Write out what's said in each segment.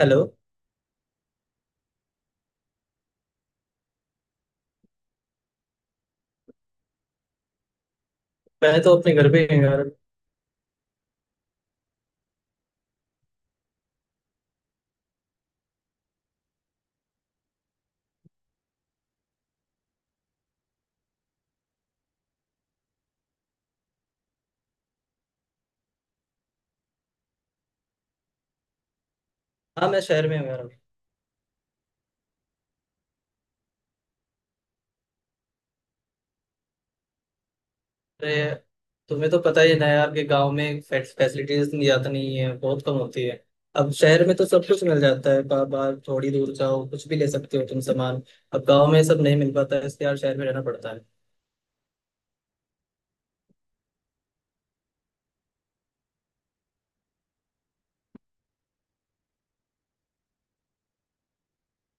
Hello. मैं तो अपने घर पे ही हूँ यार। हाँ, मैं शहर में हूँ यार। अरे, तुम्हें तो पता ही है ना यार कि गांव में फैसिलिटीज ज्यादा नहीं है, बहुत कम होती है। अब शहर में तो सब कुछ मिल जाता है, बार बार थोड़ी दूर जाओ, कुछ भी ले सकते हो तुम सामान। अब गांव में सब नहीं मिल पाता है, इसलिए यार शहर में रहना पड़ता है।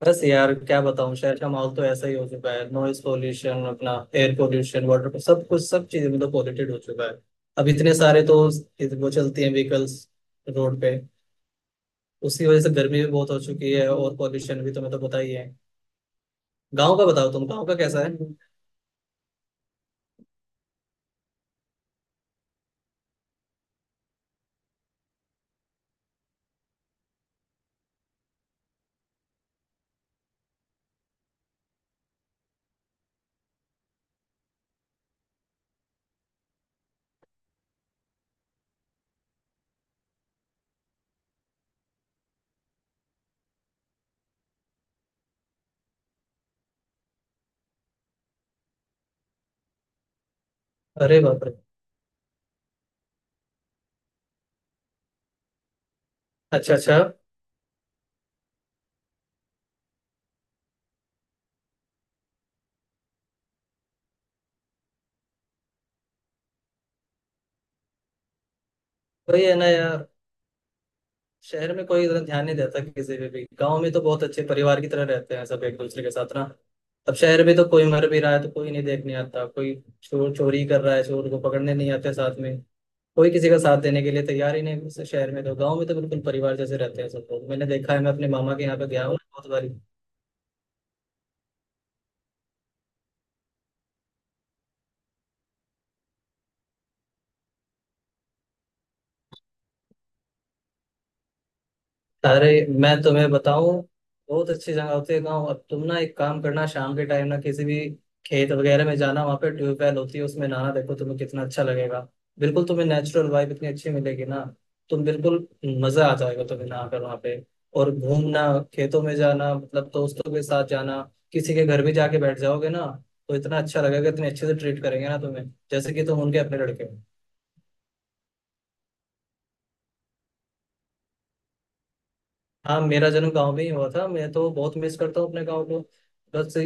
बस यार, क्या बताऊँ, शहर का माहौल तो ऐसा ही हो चुका है। नॉइज पोल्यूशन, अपना एयर पोल्यूशन, वाटर पोल्यूशन, सब कुछ, सब चीजें मतलब पॉल्यूटेड हो चुका है। अब इतने सारे तो वो चलती हैं व्हीकल्स रोड पे, उसकी वजह से गर्मी भी बहुत हो चुकी है, और पॉल्यूशन भी, तुम्हें तो पता ही है। गाँव का बताओ, तुम गाँव का कैसा है। अरे बाप रे। अच्छा अच्छा। वही है ना यार। शहर में कोई इतना ध्यान नहीं देता किसी पे भी। गाँव में तो बहुत अच्छे परिवार की तरह रहते हैं सब एक दूसरे के साथ ना। अब शहर में तो कोई मर भी रहा है तो कोई नहीं देखने आता, कोई चोर चोरी कर रहा है, चोर को पकड़ने नहीं आते साथ में। कोई किसी का साथ देने के लिए तैयार ही नहीं है शहर में तो। गाँव में तो बिल्कुल परिवार जैसे रहते हैं सब लोग। मैंने देखा है, मैं अपने मामा के यहाँ पे गया हूँ बहुत बारी। अरे, मैं तुम्हें बताऊं, बहुत अच्छी जगह होती है गाँव। अब तुम ना एक काम करना, शाम के टाइम ना किसी भी खेत वगैरह में जाना, वहां पे ट्यूबवेल होती है उसमें नहाना। देखो, तुम्हें कितना अच्छा लगेगा। बिल्कुल तुम्हें नेचुरल वाइब इतनी अच्छी मिलेगी ना। तुम बिल्कुल मजा आ जाएगा तुम्हें नहा कर वहां पे। और घूमना, खेतों में जाना, मतलब दोस्तों के साथ जाना। किसी के घर भी जाके बैठ जाओगे ना, तो इतना अच्छा लगेगा, इतने अच्छे से ट्रीट करेंगे ना तुम्हें, जैसे कि तुम उनके अपने लड़के हो। हाँ, मेरा जन्म गांव में ही हुआ था। मैं तो बहुत मिस करता हूँ अपने गांव को। बस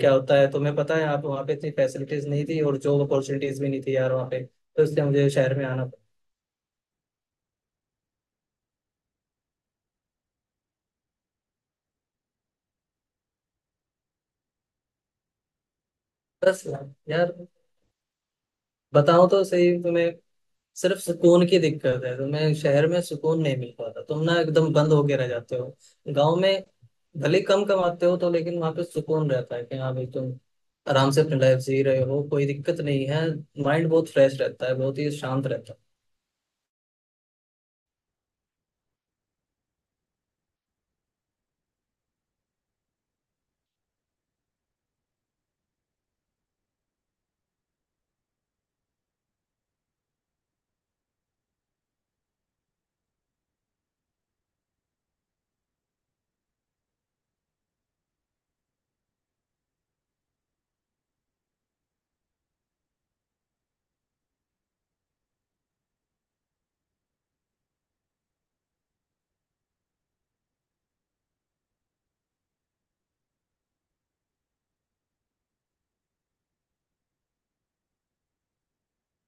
क्या होता है तुम्हें पता है, आप वहाँ पे इतनी फैसिलिटीज नहीं थी और जॉब अपॉर्चुनिटीज भी नहीं थी यार वहाँ पे, तो इसलिए मुझे शहर में आना पड़ा। बस यार, बताओ तो सही तुम्हें, सिर्फ सुकून की दिक्कत है। तुम्हें शहर में सुकून नहीं मिल पाता, तुम ना एकदम बंद होके रह जाते हो। गाँव में भले कम कमाते हो तो, लेकिन वहाँ पे सुकून रहता है कि हाँ भाई, तुम आराम से अपनी लाइफ जी रहे हो, कोई दिक्कत नहीं है। माइंड बहुत फ्रेश रहता है, बहुत ही शांत रहता है।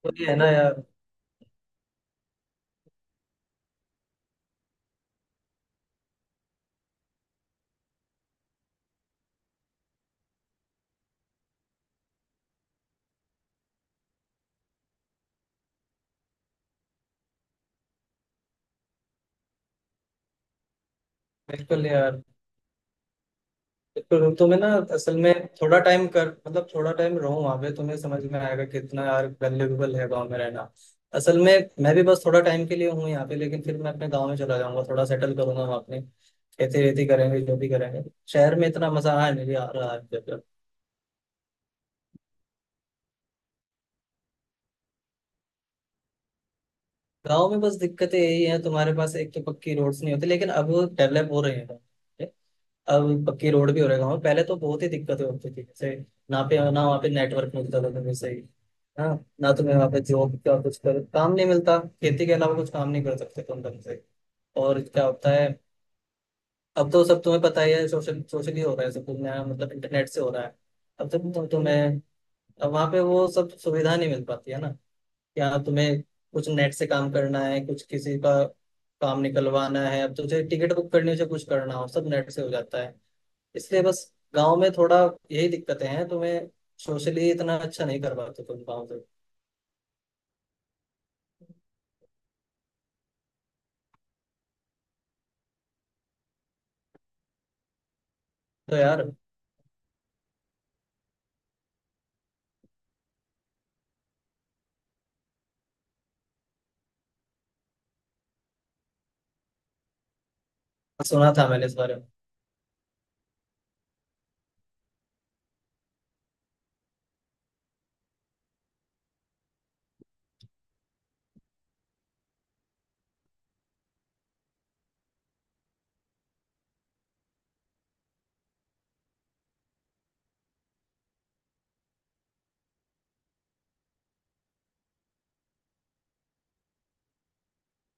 तो ये है ना यार। बिल्कुल यार, बिल्कुल। तो तुम्हें ना असल में थोड़ा टाइम कर मतलब थोड़ा टाइम रहो वहां पे, तुम्हें समझ में आएगा कितना यार वैल्यूएबल है गांव में रहना। असल में मैं भी बस थोड़ा टाइम के लिए हूँ यहाँ पे, लेकिन फिर मैं अपने गांव में चला जाऊंगा, थोड़ा सेटल करूंगा वहाँ, अपने खेती वेती करेंगे जो भी करेंगे। शहर में इतना मजा आ नहीं आ रहा है। गांव में बस दिक्कतें यही है, तुम्हारे पास एक तो पक्की रोड्स नहीं होती, लेकिन अब डेवलप हो रहे हैं गाँव, ठीक है? अब पक्की रोड भी हो रहे हैं गाँव में। पहले तो बहुत ही दिक्कतें होती थी, जैसे ना वहाँ पे नेटवर्क मिलता था तुम्हें सही। हाँ। ना तुम्हें वहाँ पे जॉब का कुछ कर काम नहीं मिलता, खेती के अलावा कुछ काम नहीं कर सकते तुम ढंग से। और क्या होता है, अब तो सब तुम्हें पता ही है, सोशली हो रहा है सब कुछ, नया मतलब इंटरनेट से हो रहा है। अब तुम तो तुम्हें, अब वहाँ पे वो सब सुविधा नहीं मिल पाती है ना, या तुम्हें कुछ नेट से काम करना है, कुछ किसी का काम निकलवाना है, अब तुझे टिकट बुक करनी हो चाहे कुछ करना हो, सब नेट से हो जाता है। इसलिए बस गांव में थोड़ा यही दिक्कतें हैं तुम्हें, सोशली इतना अच्छा नहीं कर पाते तुम गाँव से। तो यार, सुना था मैंने इस बारे में।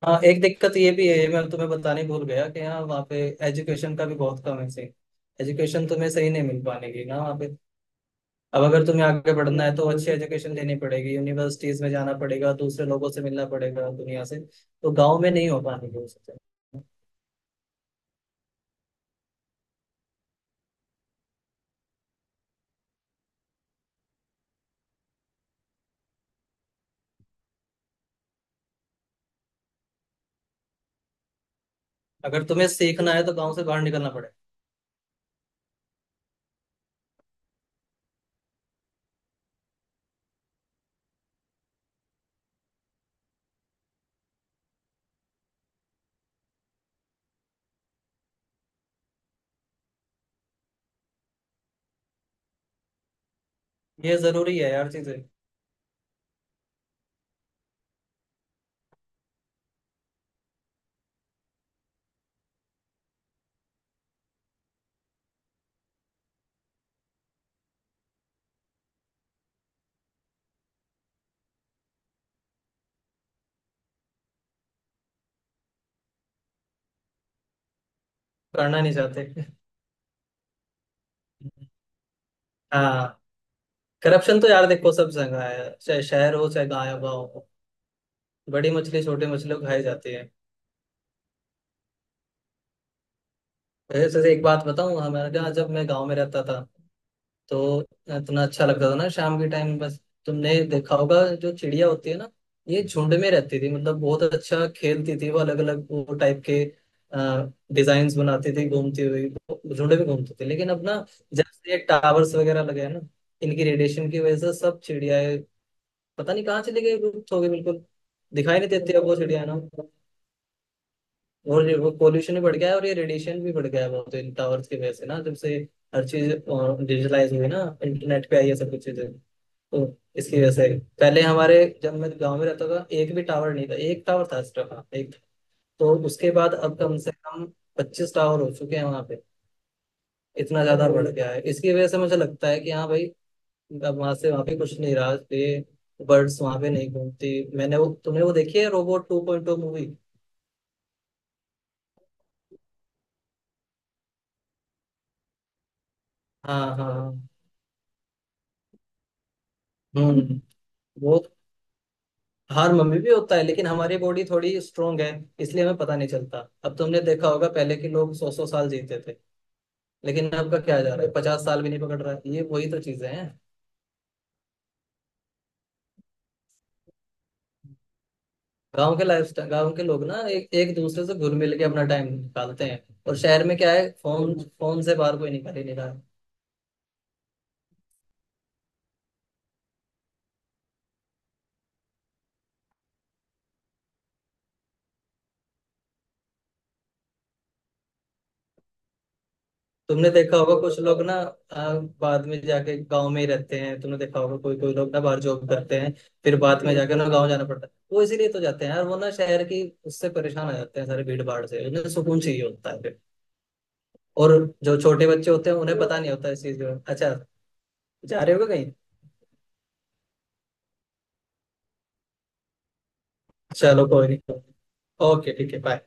हाँ, एक दिक्कत ये भी है, मैं तुम्हें बताने भूल गया कि हाँ वहाँ पे एजुकेशन का भी बहुत कम है, सही एजुकेशन तुम्हें सही नहीं मिल पाने की ना वहाँ पे। अब अगर तुम्हें आगे बढ़ना है तो अच्छी एजुकेशन लेनी पड़ेगी, यूनिवर्सिटीज में जाना पड़ेगा, दूसरे लोगों से मिलना पड़ेगा, दुनिया से। तो गांव में नहीं हो पानी वो चीजें। अगर तुम्हें सीखना है तो गांव से बाहर निकलना पड़ेगा। ये जरूरी है यार चीजें। करना नहीं चाहते। हाँ। करप्शन तो यार देखो सब जगह है, चाहे शहर हो चाहे गाँव गाँव हो। बड़ी मछली छोटी मछली को खाई जाती है। जैसे एक बात बताऊं, हमारे यहाँ जब मैं गाँव में रहता था, तो इतना अच्छा लगता था ना शाम के टाइम बस। तुमने देखा होगा, जो चिड़िया होती है ना, ये झुंड में रहती थी, मतलब बहुत अच्छा खेलती थी वो, अलग अलग वो टाइप के डिजाइन बनाती थी, घूमती हुई वो झुंड में घूमती थी। लेकिन अब ना, जब से ये टावर्स वगैरह लगे हैं ना, इनकी रेडिएशन की वजह से सब चिड़ियाएं पता नहीं कहाँ चली गई, लुप्त हो गई बिल्कुल। दिखाई नहीं देती अब वो चिड़िया ना। और ये वो पोल्यूशन भी बढ़ गया है और ये रेडिएशन भी बढ़ गया है बहुत इन टावर्स की वजह से, ना जब से हर चीज डिजिटलाइज हुई ना, इंटरनेट पे आई है सब कुछ चीजें। तो इसकी वजह से पहले हमारे, जब मैं गांव में रहता था, एक भी टावर नहीं था, एक टावर था सिर्फ, हाँ, एक। तो उसके बाद अब कम से कम 25 टावर हो चुके हैं वहां पे। इतना ज्यादा बढ़ गया है, इसकी वजह से मुझे लगता है कि हाँ भाई, अब वहां से वहां पे कुछ नहीं रहा ये, बर्ड्स वहां पे नहीं घूमती। मैंने वो तुमने वो देखी है रोबोट 2.0 मूवी। हाँ हाँ हाँ। हम्म। वो हार मम्मी भी होता है, लेकिन हमारी बॉडी थोड़ी स्ट्रोंग है, इसलिए हमें पता नहीं चलता। अब तुमने देखा होगा, पहले के लोग 100-100 साल जीते थे, लेकिन आपका क्या जा रहा है, 50 साल भी नहीं पकड़ रहा है, ये वही तो चीजें हैं। गांव के लाइफ, गांव के लोग ना एक एक दूसरे से घुल मिल के अपना टाइम निकालते हैं, और शहर में क्या है, फोन फोन से बाहर कोई निकाल ही नहीं रहा है। तुमने देखा होगा कुछ लोग ना आ, बाद में जाके गांव में ही रहते हैं, तुमने देखा होगा कोई कोई लोग ना बाहर जॉब करते हैं, फिर बाद में जाके ना गांव जाना पड़ता है, वो इसीलिए तो जाते हैं यार, वो ना शहर की उससे परेशान हो जाते हैं सारे भीड़ भाड़ से, उन्हें सुकून चाहिए होता है फिर। और जो छोटे बच्चे होते हैं उन्हें पता नहीं होता इस चीज का। अच्छा, जा रहे हो कहीं? चलो कोई नहीं। ओके, ठीक है, बाय।